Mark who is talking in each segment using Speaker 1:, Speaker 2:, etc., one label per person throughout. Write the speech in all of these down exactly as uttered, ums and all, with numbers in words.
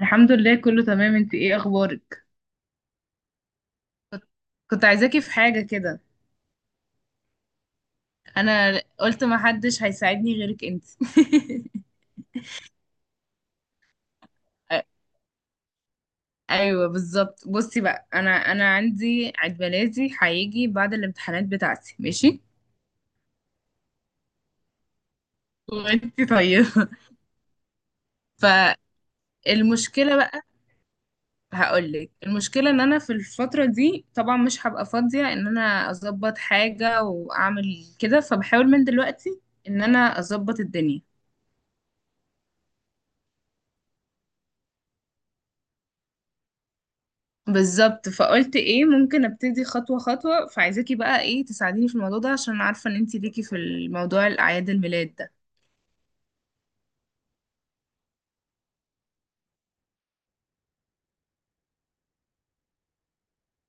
Speaker 1: الحمد لله كله تمام. انت ايه اخبارك؟ كنت عايزاكي في حاجة كده. انا قلت ما حدش هيساعدني غيرك انت. ايوه بالظبط. بصي بقى، انا انا عندي عيد ميلادي هيجي بعد الامتحانات بتاعتي، ماشي؟ وانت طيبة. فالمشكلة بقى، هقولك المشكلة ان انا في الفترة دي طبعا مش هبقى فاضية ان انا اظبط حاجة واعمل كده، فبحاول من دلوقتي ان انا اظبط الدنيا بالظبط. فقلت ايه، ممكن ابتدي خطوة خطوة، فعايزاكي بقى ايه تساعديني في الموضوع ده، عشان أنا عارفة ان انتي ليكي في الموضوع الاعياد الميلاد ده.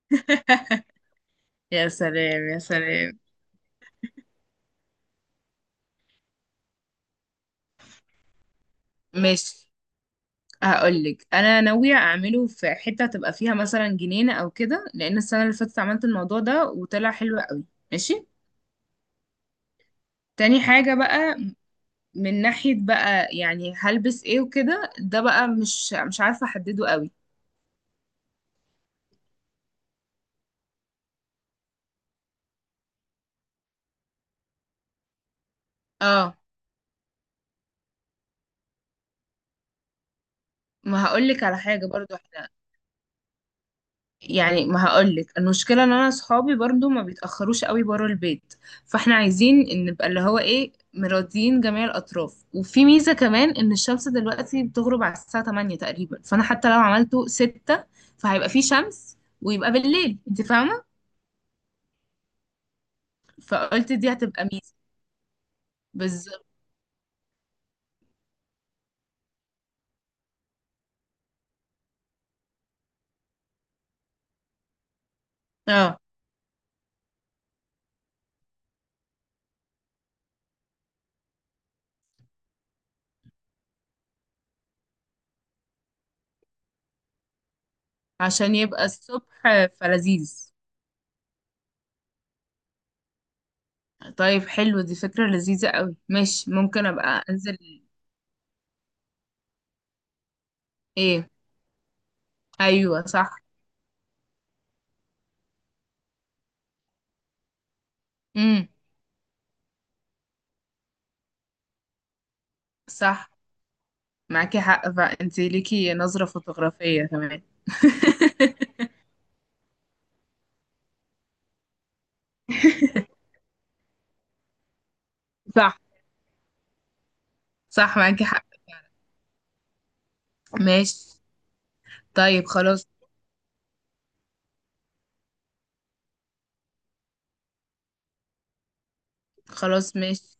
Speaker 1: يا سلام يا سلام. ماشي، هقولك انا ناوية اعمله في حتة تبقى فيها مثلا جنينة او كده، لان السنة اللي فاتت عملت الموضوع ده وطلع حلو قوي. ماشي. تاني حاجة بقى، من ناحية بقى يعني هلبس ايه وكده، ده بقى مش مش عارفة احدده قوي. اه، ما هقولك على حاجة برضو، احنا يعني ما هقولك المشكله ان انا اصحابي برضو ما بيتاخروش قوي بره البيت، فاحنا عايزين ان نبقى اللي هو ايه، مراضيين جميع الاطراف. وفي ميزه كمان ان الشمس دلوقتي بتغرب على الساعه تمانية تقريبا، فانا حتى لو عملته ستة فهيبقى في شمس ويبقى بالليل، انت فاهمه؟ فقلت دي هتبقى ميزه بالظبط. اه، عشان يبقى الصبح فلذيذ. طيب حلو، دي فكره لذيذه قوي، ماشي، ممكن ابقى انزل. ايه؟ ايوه صح. امم. صح معاكي حق، فانت ليكي نظرة فوتوغرافية كمان. صح. صح معاكي حق. ماشي. طيب خلاص. خلاص ماشي.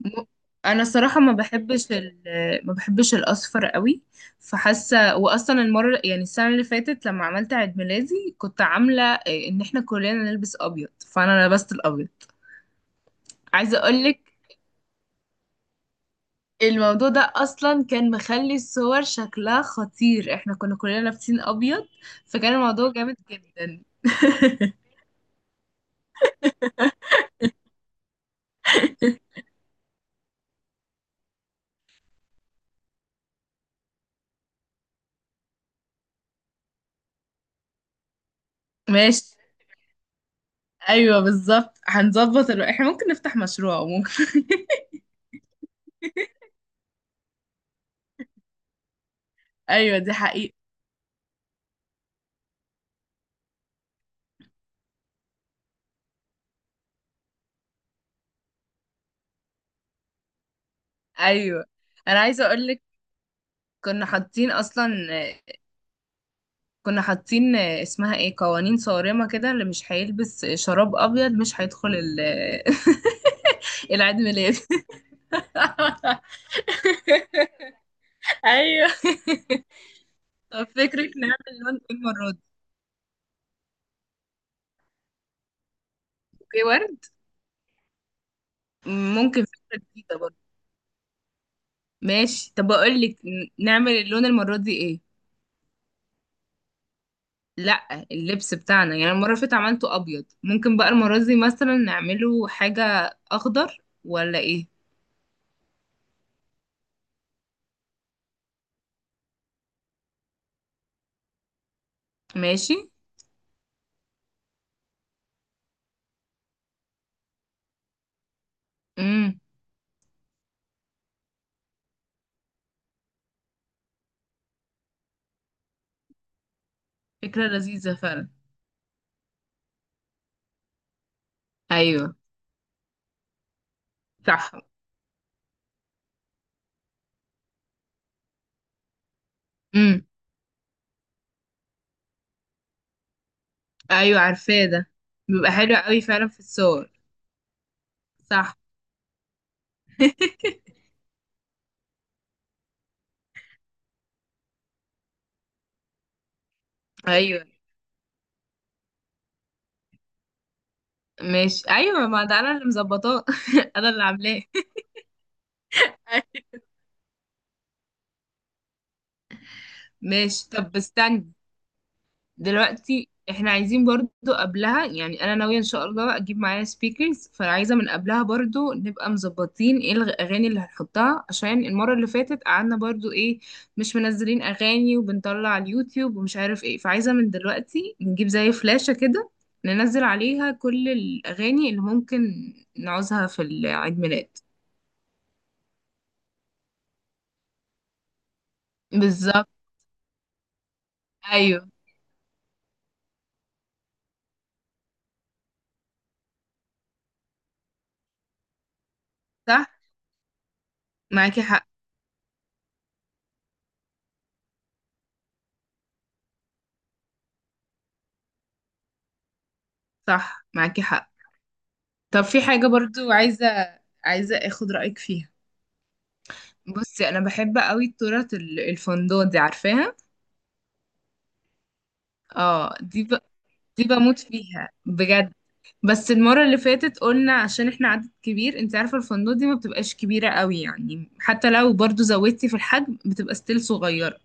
Speaker 1: م- انا الصراحة ما بحبش ال... ما بحبش الاصفر قوي. فحاسة واصلا المرة، يعني السنة اللي فاتت لما عملت عيد ميلادي، كنت عاملة إيه، ان احنا كلنا نلبس ابيض، فانا لبست الابيض. عايزة اقولك، الموضوع ده اصلا كان مخلي الصور شكلها خطير، احنا كنا كلنا لابسين ابيض، فكان الموضوع جامد جدا. ماشي. ايوه بالظبط، هنظبط الو... احنا ممكن نفتح مشروع، ممكن. ايوه دي حقيقة. ايوه. انا عايزه اقول لك، كنا حاطين اصلا، كنا حاطين اسمها ايه، قوانين صارمه كده، اللي مش هيلبس شراب ابيض مش هيدخل ال... العيد ميلاد. ايوه. طب فكرك نعمل لون ايه المرة دي؟ اوكي، ورد. ممكن فكرة جديدة برضه. ماشي، طب اقول لك، نعمل اللون المرة دي ايه؟ لا اللبس بتاعنا يعني، المرة اللي فاتت عملته ابيض، ممكن بقى المرة دي مثلا نعمله حاجة اخضر ولا ايه؟ ماشي. امم. فكرة لذيذة فعلا. ايوه صح. امم. ايوه عارفاه ده، بيبقى حلو قوي فعلا في الصور. صح. ايوه. ماشي. ايوه ما ده انا اللي مظبطاه. انا اللي عاملاه. ماشي. طب استنى، دلوقتي احنا عايزين برضو قبلها، يعني انا ناوية ان شاء الله اجيب معايا سبيكرز، فعايزة من قبلها برضو نبقى مظبطين ايه الاغاني اللي هنحطها، عشان المرة اللي فاتت قعدنا برضو ايه، مش منزلين اغاني وبنطلع على اليوتيوب ومش عارف ايه. فعايزة من دلوقتي نجيب زي فلاشة كده، ننزل عليها كل الاغاني اللي ممكن نعوزها في العيد ميلاد. بالظبط. ايوه. صح معاكي حق. صح معاكي حق. طب في حاجة برضو عايزة، عايزة اخد رأيك فيها. بصي انا بحب قوي التورت ال- الفندق دي، عارفاها؟ اه، دي ب... دي بموت فيها بجد. بس المرة اللي فاتت قلنا عشان احنا عدد كبير، انت عارفة الفندق دي ما بتبقاش كبيرة قوي، يعني حتى لو برضو زودتي في الحجم بتبقى ستيل صغيرة،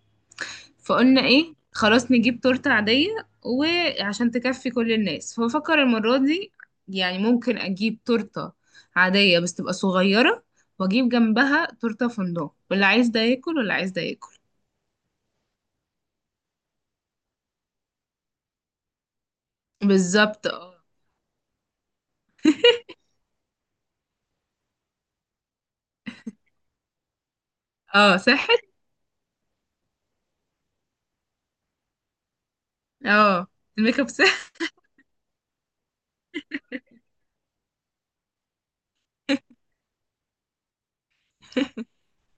Speaker 1: فقلنا ايه خلاص نجيب تورتة عادية وعشان تكفي كل الناس. فبفكر المرة دي يعني ممكن اجيب تورتة عادية بس تبقى صغيرة، واجيب جنبها تورتة فندق، واللي عايز ده ياكل واللي عايز ده ياكل. بالظبط. اه. اه صحت. اه. الميك اب صح.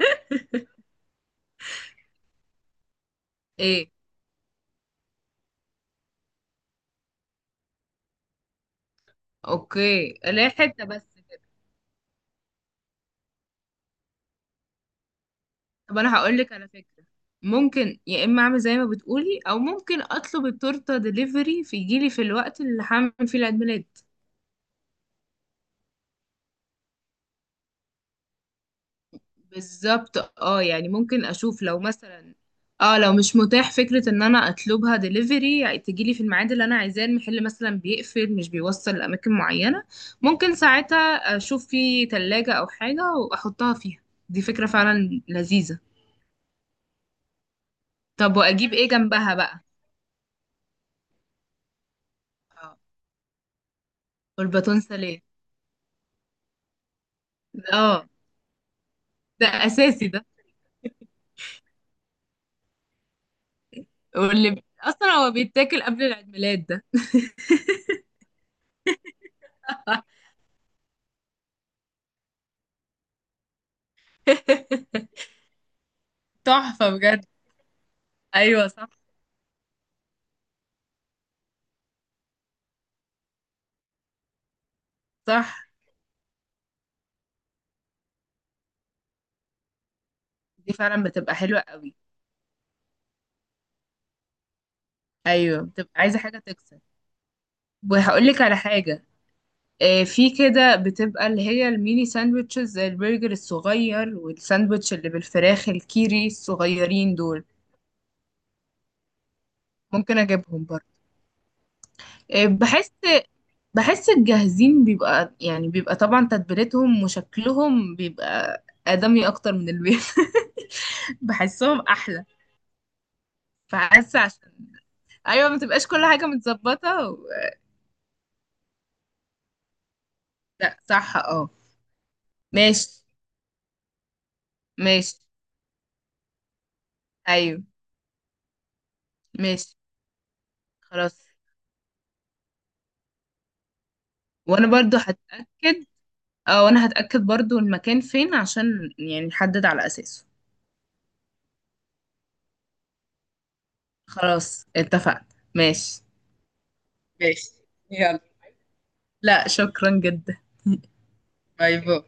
Speaker 1: ايه؟ اوكي، لا حته بس كده. طب انا هقول لك على فكره، ممكن يا اما اعمل زي ما بتقولي، او ممكن اطلب التورته ديليفري، في يجيلي في الوقت اللي هعمل فيه العيد ميلاد. بالظبط اه، يعني ممكن اشوف لو مثلا، اه لو مش متاح فكرة ان انا اطلبها دليفري، يعني تجيلي في الميعاد اللي انا عايزاه، المحل مثلا بيقفل مش بيوصل لاماكن معينة، ممكن ساعتها اشوف في تلاجة او حاجة واحطها فيها. دي فكرة فعلا لذيذة. طب واجيب ايه جنبها بقى؟ اه والباتون ساليه، اه ده اساسي ده. واللي ب- اصلا هو بيتاكل قبل العيد ميلاد ده. تحفة بجد. ايوه صح. صح. دي فعلا بتبقى حلوة قوي. ايوه بتبقى عايزه حاجه تكسر. وهقول لك على حاجه، آه، في كده بتبقى اللي هي الميني ساندوتشز، زي البرجر الصغير والساندوتش اللي بالفراخ، الكيري الصغيرين دول. ممكن اجيبهم برضه. آه، بحس بحس الجاهزين بيبقى يعني بيبقى طبعا تتبيلتهم وشكلهم بيبقى آدمي اكتر من البيت. بحسهم احلى. فحاسه عشان، ايوه ما تبقاش كل حاجه متظبطه و... لا صح اه. ماشي. ماشي. ايوه. ماشي. خلاص. وانا برضو هتأكد، اه وانا هتأكد برضو المكان فين عشان يعني نحدد على اساسه. خلاص اتفقنا. ماشي. ماشي. يلا. لا شكرا جدا. باي باي.